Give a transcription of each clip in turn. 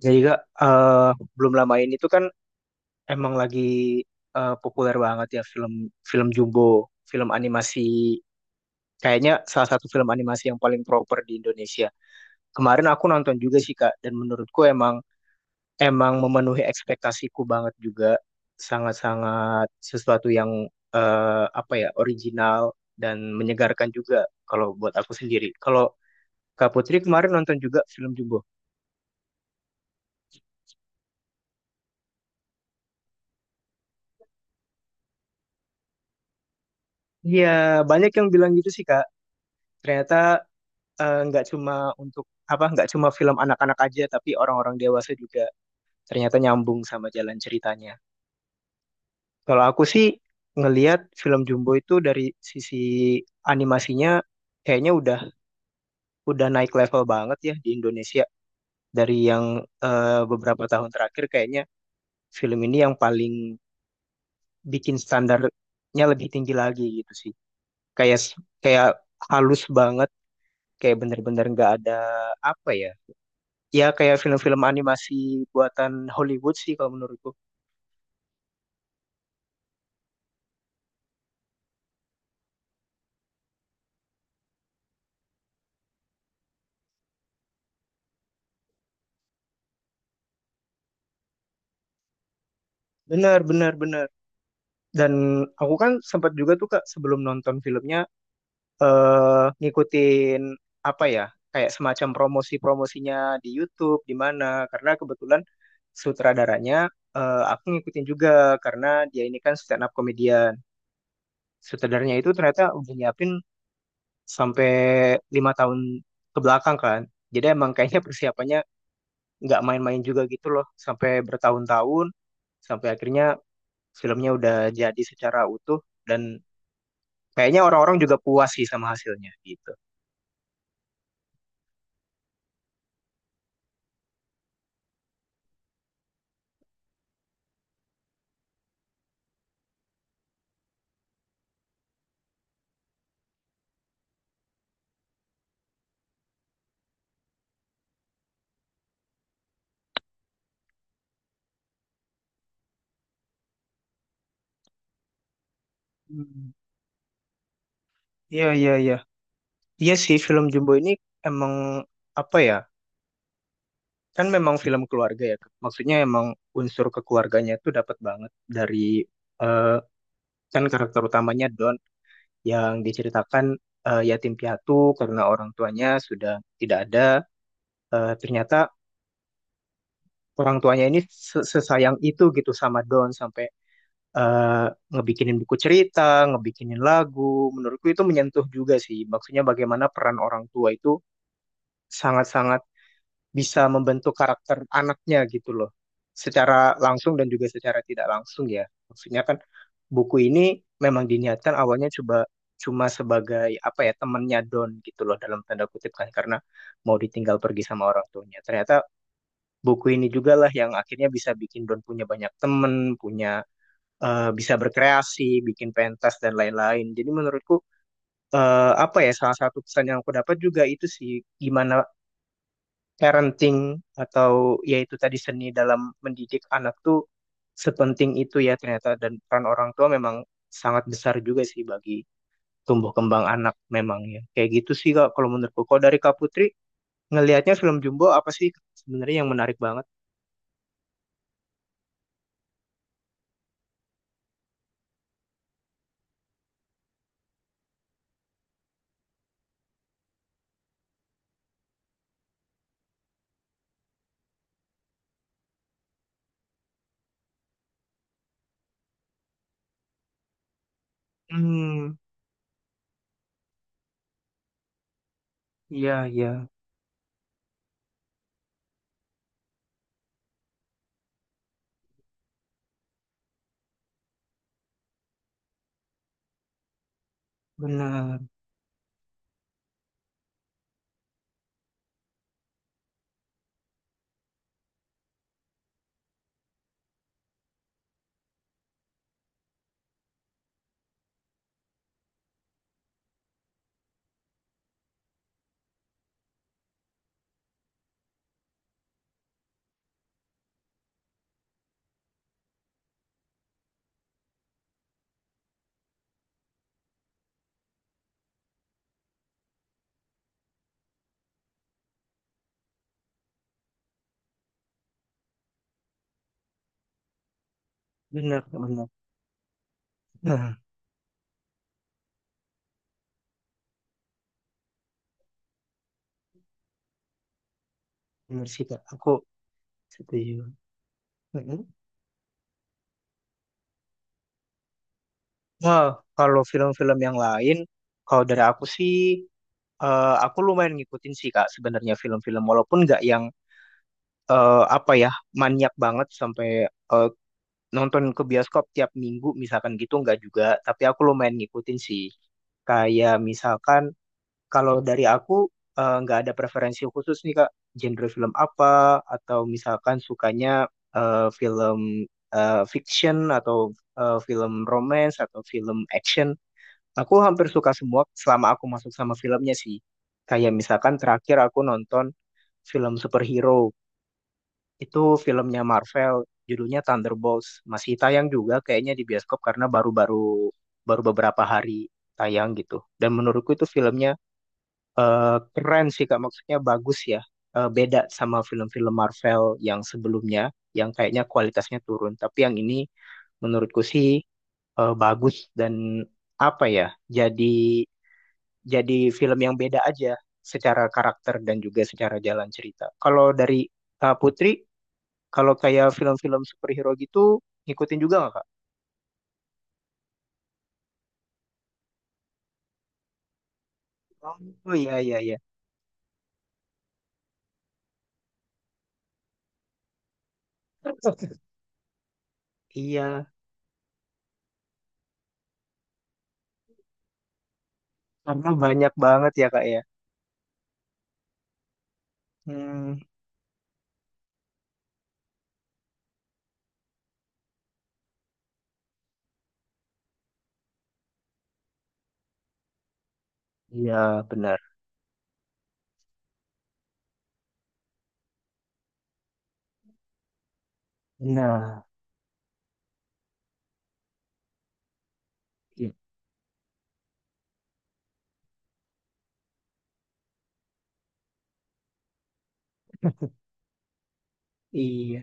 Jadi Kak, belum lama ini tuh kan emang lagi populer banget ya film film Jumbo, film animasi kayaknya salah satu film animasi yang paling proper di Indonesia. Kemarin aku nonton juga sih Kak dan menurutku emang emang memenuhi ekspektasiku banget juga sangat-sangat sesuatu yang apa ya original dan menyegarkan juga kalau buat aku sendiri. Kalau Kak Putri kemarin nonton juga film Jumbo? Iya, banyak yang bilang gitu sih Kak. Ternyata nggak cuma untuk apa nggak cuma film anak-anak aja tapi orang-orang dewasa juga ternyata nyambung sama jalan ceritanya. Kalau aku sih ngelihat film Jumbo itu dari sisi animasinya kayaknya udah naik level banget ya di Indonesia dari yang beberapa tahun terakhir kayaknya film ini yang paling bikin standarnya lebih tinggi lagi gitu sih. Kayak kayak halus banget kayak bener-bener nggak ada apa ya kayak film-film animasi buatan Hollywood sih kalau menurutku. Benar, benar, benar. Dan aku kan sempat juga tuh Kak sebelum nonton filmnya ngikutin apa ya? Kayak semacam promosi-promosinya di YouTube di mana karena kebetulan sutradaranya aku ngikutin juga karena dia ini kan stand up comedian. Sutradaranya itu ternyata udah nyiapin sampai 5 tahun ke belakang kan. Jadi emang kayaknya persiapannya nggak main-main juga gitu loh sampai bertahun-tahun sampai akhirnya filmnya udah jadi secara utuh dan kayaknya orang-orang juga puas sih sama hasilnya gitu. Hmm, iya, iya, iya. Iya sih film Jumbo ini emang apa ya? Kan memang film keluarga ya. Maksudnya emang unsur kekeluarganya itu dapat banget dari eh, kan karakter utamanya Don yang diceritakan yatim piatu karena orang tuanya sudah tidak ada. Ternyata orang tuanya ini sesayang itu gitu sama Don sampai eh, ngebikinin buku cerita, ngebikinin lagu. Menurutku itu menyentuh juga sih. Maksudnya bagaimana peran orang tua itu sangat-sangat bisa membentuk karakter anaknya gitu loh. Secara langsung dan juga secara tidak langsung ya. Maksudnya kan buku ini memang diniatkan awalnya coba cuma sebagai apa ya temannya Don gitu loh dalam tanda kutip kan karena mau ditinggal pergi sama orang tuanya. Ternyata buku ini juga lah yang akhirnya bisa bikin Don punya banyak temen, punya bisa berkreasi, bikin pentas dan lain-lain. Jadi menurutku apa ya salah satu pesan yang aku dapat juga itu sih gimana parenting atau yaitu tadi seni dalam mendidik anak tuh sepenting itu ya ternyata dan peran orang tua memang sangat besar juga sih bagi tumbuh kembang anak memang ya. Kayak gitu sih Kak kalau menurutku. Kalau dari Kak Putri ngelihatnya film Jumbo apa sih sebenarnya yang menarik banget? Hmm, iya, iya. Benar, benar, benar. Nah, benar sih Kak. Aku setuju. Mm-mm. Nah, kalau film-film yang lain, kalau dari aku sih, aku lumayan ngikutin sih Kak sebenarnya film-film, walaupun nggak yang apa ya maniak banget sampai eh, nonton ke bioskop tiap minggu misalkan gitu nggak juga, tapi aku lumayan ngikutin sih. Kayak misalkan Kalau dari aku nggak ada preferensi khusus nih Kak, genre film apa atau misalkan sukanya film fiction atau film romance atau film action. Aku hampir suka semua selama aku masuk sama filmnya sih. Kayak misalkan terakhir aku nonton film superhero. Itu filmnya Marvel, judulnya Thunderbolts. Masih tayang juga kayaknya di bioskop karena baru beberapa hari tayang gitu. Dan menurutku itu filmnya eh, keren sih Kak, maksudnya bagus ya. Beda sama film-film Marvel yang sebelumnya, yang kayaknya kualitasnya turun. Tapi yang ini menurutku sih bagus dan apa ya, jadi jadi film yang beda aja secara karakter dan juga secara jalan cerita. Kalau dari Kak Putri, kalau kayak film-film superhero gitu, ngikutin juga nggak Kak? Oh, iya, iya, iya. Iya, karena banyak banget ya Kak ya. Hmm, iya benar. Nah, iya.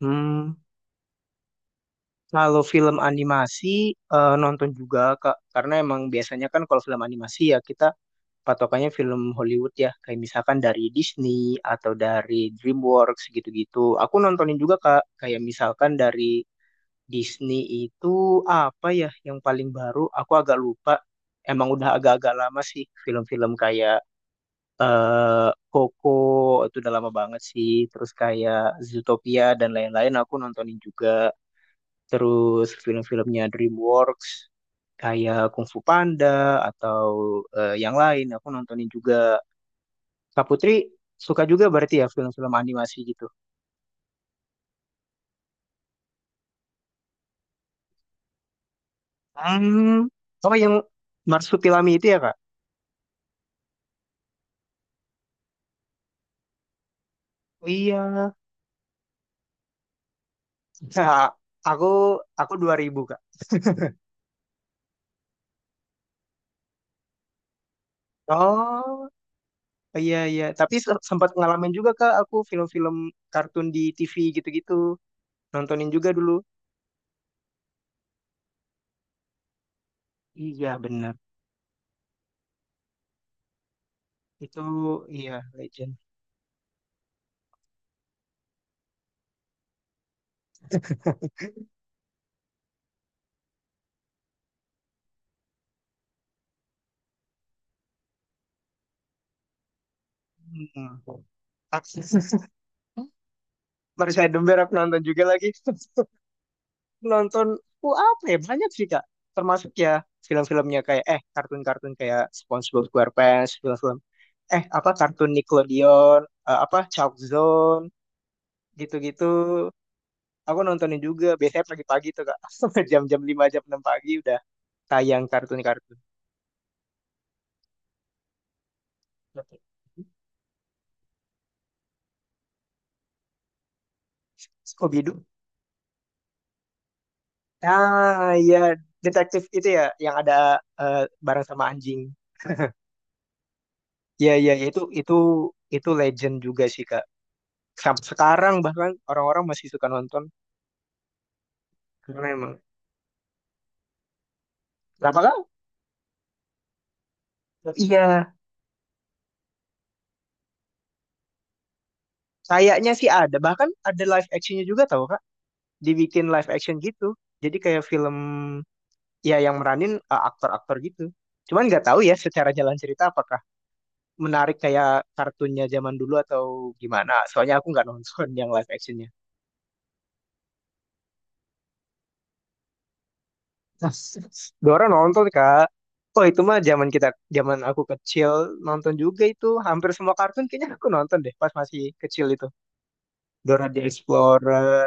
Hmm, kalau film animasi nonton juga Kak, karena emang biasanya kan kalau film animasi ya kita patokannya film Hollywood ya, kayak misalkan dari Disney atau dari DreamWorks gitu-gitu. Aku nontonin juga Kak, kayak misalkan dari Disney itu apa ya yang paling baru? Aku agak lupa. Emang udah agak-agak lama sih film-film kayak Coco itu udah lama banget sih. Terus kayak Zootopia dan lain-lain aku nontonin juga. Terus film-filmnya DreamWorks kayak Kung Fu Panda atau yang lain aku nontonin juga. Kak Putri suka juga berarti ya film-film animasi gitu. Hmm, oh yang Marsupilami itu ya Kak? Oh, iya. Nah, aku aku 2000 Kak. Oh, iya, iya. Tapi sempat ngalamin juga Kak aku film-film kartun di TV gitu-gitu. Nontonin juga dulu. Iya, benar. Itu iya legend. Hmm. Marissa Edember aku nonton juga lagi. Nonton, oh apa ya, banyak sih Kak. Termasuk ya film-filmnya kayak, kartun-kartun kayak SpongeBob SquarePants, film-film. Apa, kartun Nickelodeon, apa, Chalk Zone, gitu-gitu. Aku nontonin juga, biasanya pagi-pagi tuh Kak. Sampai jam-jam 5 jam 6 pagi udah tayang kartun-kartun. Scooby-Doo. Ah, iya. Detektif itu ya, yang ada eh, bareng sama anjing. Iya, iya, iya, itu legend juga sih Kak. Sampai sekarang bahkan orang-orang masih suka nonton karena emang. Apakah? Iya, kayaknya sih ada. Bahkan ada live actionnya juga tau Kak. Dibikin live action gitu. Jadi kayak film ya yang meranin aktor-aktor gitu. Cuman nggak tahu ya secara jalan cerita apakah menarik kayak kartunnya zaman dulu atau gimana. Soalnya aku nggak nonton yang live actionnya. Dua nonton Kak. Oh itu mah zaman kita, zaman aku kecil nonton juga itu. Hampir semua kartun kayaknya aku nonton deh pas masih kecil itu. Dora the Explorer.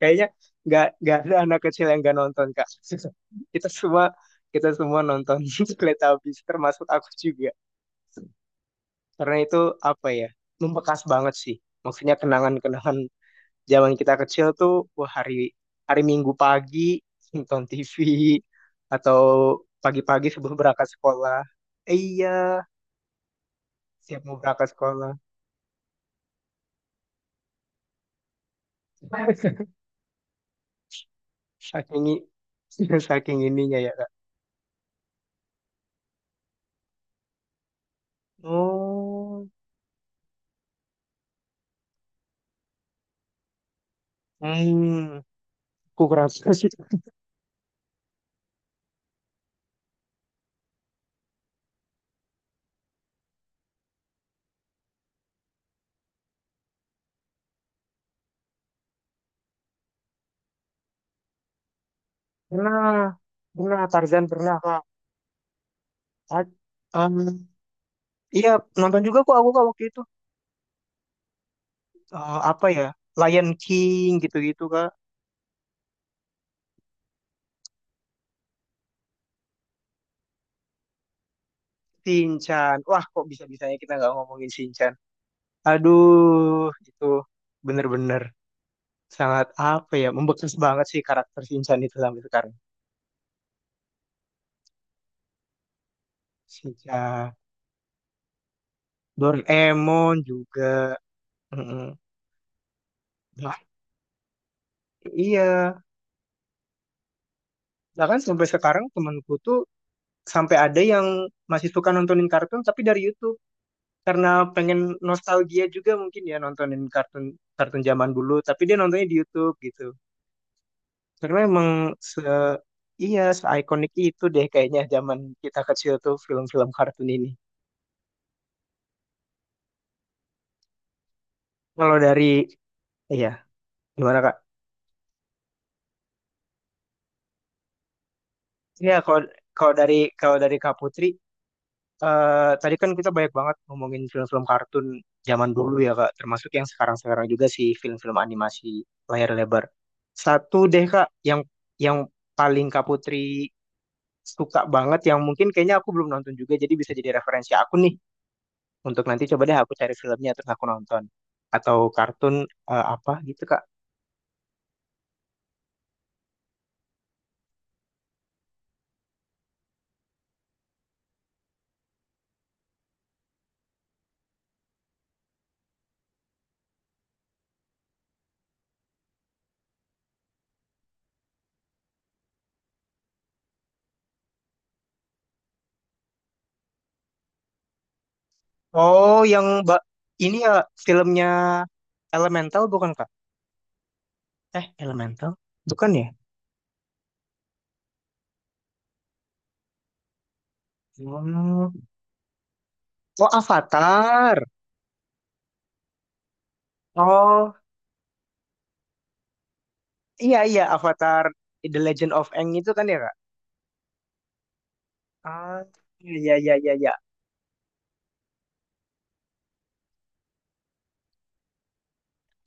Kayaknya nggak ada anak kecil yang nggak nonton Kak. Kita semua kita semua nonton Teletubbies termasuk aku juga. Karena itu apa ya? Membekas banget sih. Maksudnya kenangan-kenangan zaman kita kecil tuh wah hari hari Minggu pagi nonton TV atau pagi-pagi sebelum berangkat sekolah. Iya, siap mau berangkat sekolah. Saking saking ininya ya Kak. Oh. Hmm. Aku kerasa sih pernah pernah Tarzan pernah Kak. Ah, um, iya nonton juga kok aku Kak waktu itu. Apa ya Lion King gitu-gitu Kak. Shinchan. Wah kok bisa-bisanya kita nggak ngomongin Shinchan. Aduh itu bener-bener sangat apa ya membekas banget sih karakter Shinchan itu sampai sekarang. Shinchan, Doraemon juga. Mm-mm. Nah, iya. Bahkan sampai sekarang temanku tuh sampai ada yang masih suka nontonin kartun tapi dari YouTube karena pengen nostalgia juga mungkin ya nontonin kartun kartun zaman dulu tapi dia nontonnya di YouTube gitu karena emang se iya se ikonik itu deh kayaknya zaman kita kecil tuh film-film kartun ini kalau dari iya gimana Kak? Iya, kalau kalau dari kalau dari Kak Putri tadi kan kita banyak banget ngomongin film-film kartun zaman dulu ya Kak, termasuk yang sekarang-sekarang juga sih film-film animasi layar lebar. Satu deh Kak, yang paling Kak Putri suka banget, yang mungkin kayaknya aku belum nonton juga, jadi bisa jadi referensi aku nih untuk nanti coba deh aku cari filmnya terus aku nonton atau kartun apa gitu Kak. Oh, yang Mbak ini ya filmnya Elemental bukan Kak? Elemental? Bukan ya? Hmm. Oh, Avatar. Oh, iya, iya, Avatar The Legend of Aang itu kan ya, Kak? Ah, iya, iya, iya, iya, iya.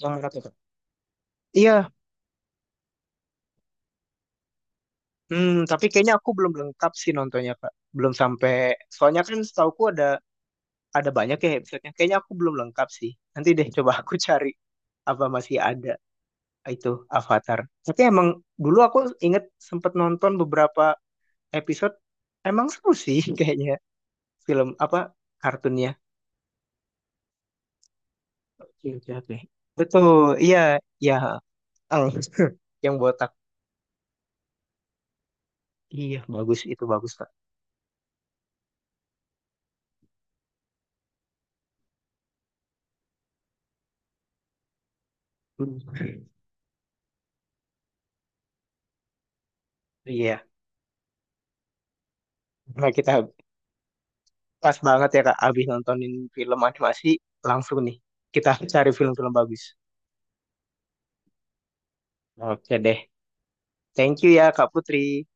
Yang mana tuh, Kak? Iya. Hmm, tapi kayaknya aku belum lengkap sih nontonnya, Kak. Belum sampai. Soalnya kan setauku ada banyak ya episode-nya. Kayaknya aku belum lengkap sih. Nanti deh coba aku cari apa masih ada itu Avatar. Tapi emang dulu aku inget sempet nonton beberapa episode. Emang seru sih kayaknya film apa kartunnya. Oke, oke, oke. Betul, iya, iya. Al yang botak. Iya, bagus itu bagus, Kak. Hmm. Iya. Nah, kita pas banget ya, Kak, abis nontonin film animasi langsung nih. Kita cari film-film bagus. Oke deh. Thank you ya, Kak Putri.